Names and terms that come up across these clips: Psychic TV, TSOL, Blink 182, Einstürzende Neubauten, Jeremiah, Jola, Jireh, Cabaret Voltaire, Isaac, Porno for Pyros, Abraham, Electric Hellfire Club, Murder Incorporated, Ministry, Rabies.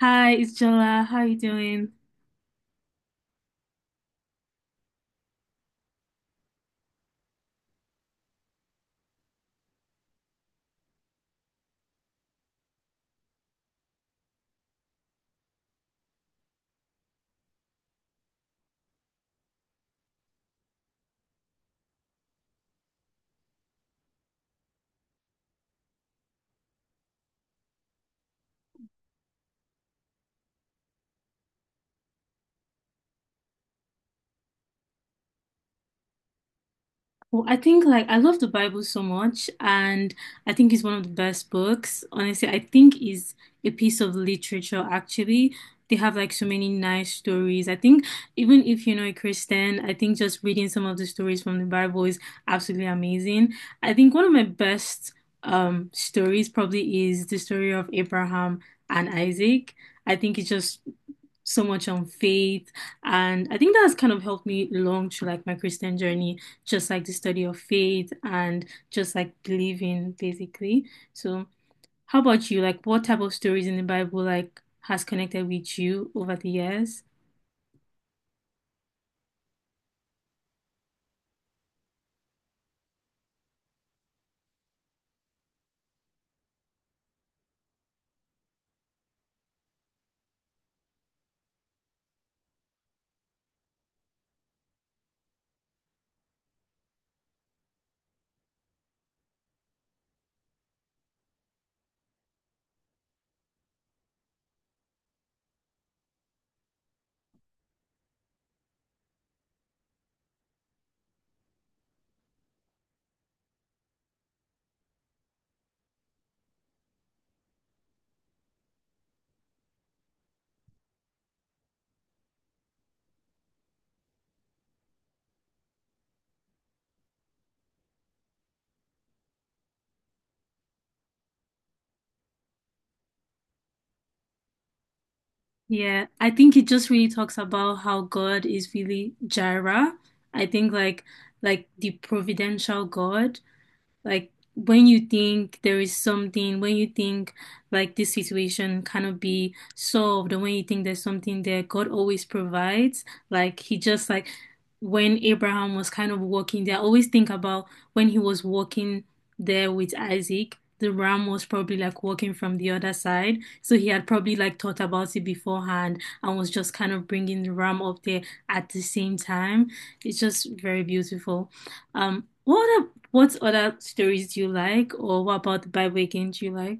Hi, it's Jola. How are you doing? Well, I think like I love the Bible so much, and I think it's one of the best books. Honestly, I think is a piece of literature actually. They have like so many nice stories. I think even if you're not a Christian, I think just reading some of the stories from the Bible is absolutely amazing. I think one of my best stories probably is the story of Abraham and Isaac. I think it's just so much on faith, and I think that has kind of helped me along through like my Christian journey, just like the study of faith and just like believing, basically. So, how about you? Like, what type of stories in the Bible like has connected with you over the years? Yeah, I think it just really talks about how God is really Jireh. I think like the providential God. Like when you think there is something, when you think like this situation cannot be solved, and when you think there's something there, God always provides. Like he just like when Abraham was kind of walking there, I always think about when he was walking there with Isaac. The ram was probably like walking from the other side. So he had probably like thought about it beforehand and was just kind of bringing the ram up there at the same time. It's just very beautiful. What other stories do you like, or what about the Bible again do you like?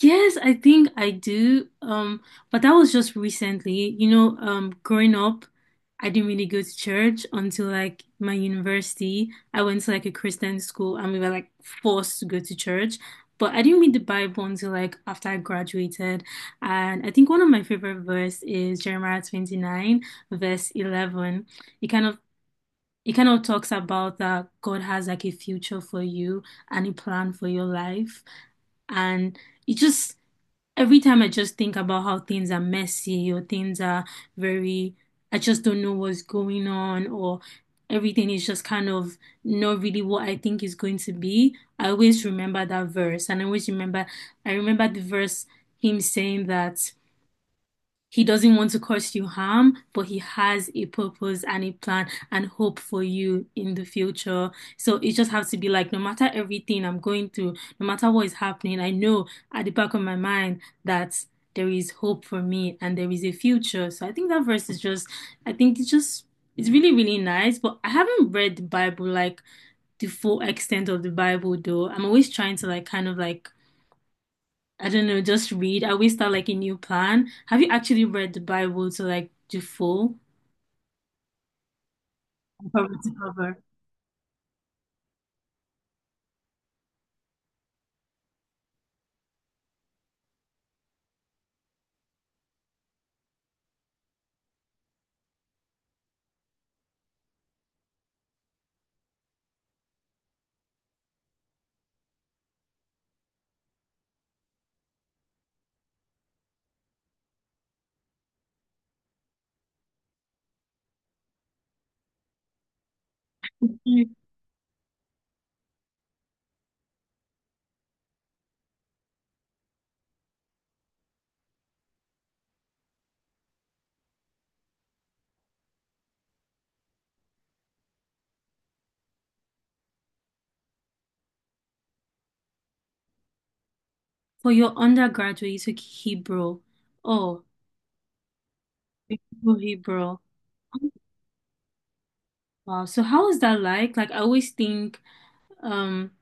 Yes, I think I do. But that was just recently. You know, growing up, I didn't really go to church until like my university. I went to like a Christian school, and we were like forced to go to church. But I didn't read the Bible until like after I graduated. And I think one of my favorite verse is Jeremiah 29, verse 11. It kind of It kind of talks about that God has like a future for you and a plan for your life. And it just, every time I just think about how things are messy or things are very, I just don't know what's going on, or everything is just kind of not really what I think is going to be. I always remember that verse, and I always remember, I remember the verse, him saying that. He doesn't want to cause you harm, but he has a purpose and a plan and hope for you in the future. So it just has to be like, no matter everything I'm going through, no matter what is happening, I know at the back of my mind that there is hope for me and there is a future. So I think that verse is just, I think it's just, it's really, really nice. But I haven't read the Bible like the full extent of the Bible though. I'm always trying to like kind of like I don't know, just read. I always start like a new plan. Have you actually read the Bible to like the full cover to cover? Mm. For your undergraduate, you took Hebrew. Oh, you took Hebrew. Wow. So how was that like? Like I always think, um,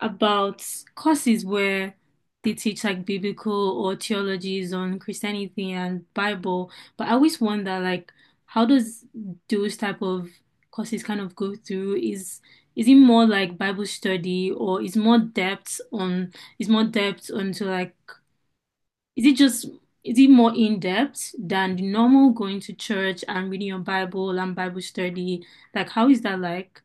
about courses where they teach like biblical or theologies on Christianity and Bible, but I always wonder like how does those type of courses kind of go through? Is it more like Bible study, or is more depth onto is it just is it more in depth than the normal going to church and reading your Bible and Bible study? Like how is that like?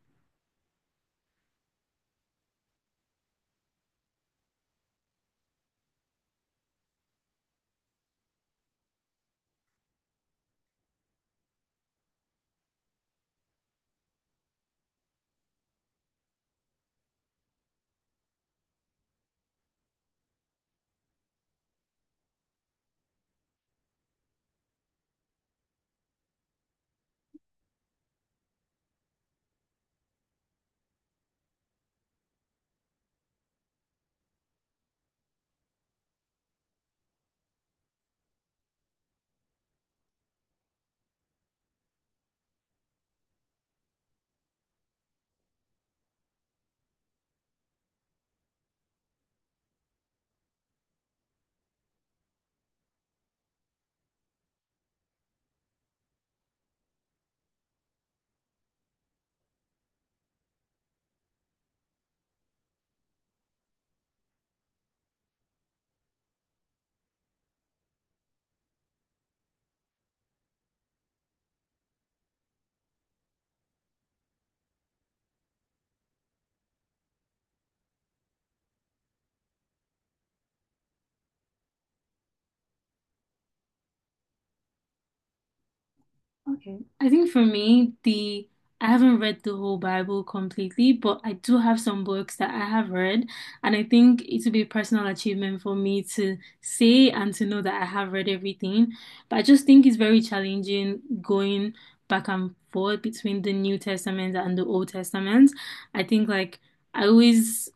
Okay. I think for me, the I haven't read the whole Bible completely, but I do have some books that I have read, and I think it would be a personal achievement for me to say and to know that I have read everything. But I just think it's very challenging going back and forth between the New Testament and the Old Testament. I think like I always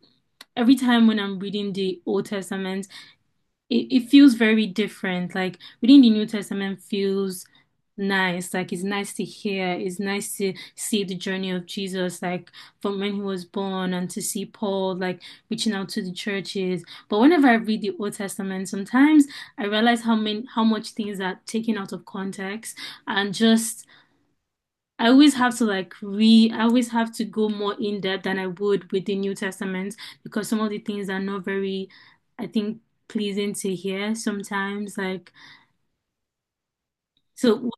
every time when I'm reading the Old Testament, it, it feels very different. Like reading the New Testament feels nice. Like it's nice to hear. It's nice to see the journey of Jesus, like from when he was born and to see Paul like reaching out to the churches. But whenever I read the Old Testament, sometimes I realize how much things are taken out of context, and just I always have to like re I always have to go more in depth than I would with the New Testament because some of the things are not very, I think, pleasing to hear sometimes. Like, so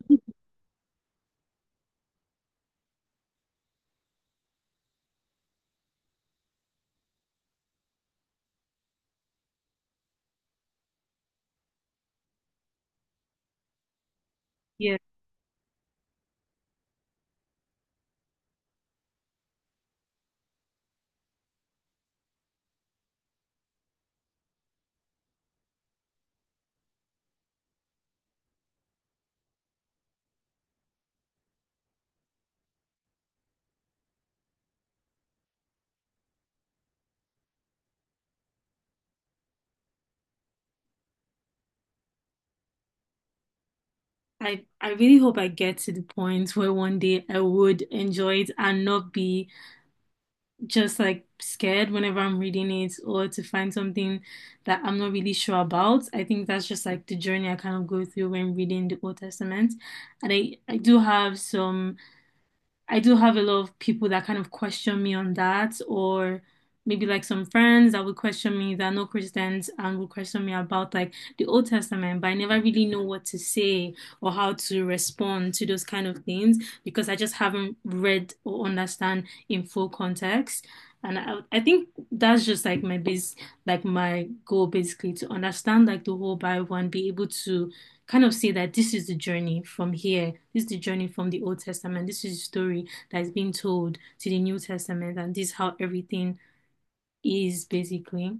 yeah, I really hope I get to the point where one day I would enjoy it and not be just like scared whenever I'm reading it or to find something that I'm not really sure about. I think that's just like the journey I kind of go through when reading the Old Testament. And I do have a lot of people that kind of question me on that, or maybe like some friends that would question me that are not Christians and would question me about like the Old Testament, but I never really know what to say or how to respond to those kind of things because I just haven't read or understand in full context. And I think that's just like my base, like my goal basically to understand like the whole Bible and be able to kind of say that this is the journey from here. This is the journey from the Old Testament. This is the story that is being told to the New Testament, and this is how everything is basically.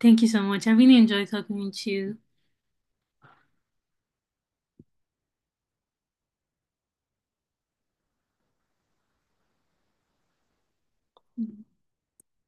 Thank you so much. I really enjoyed talking with you.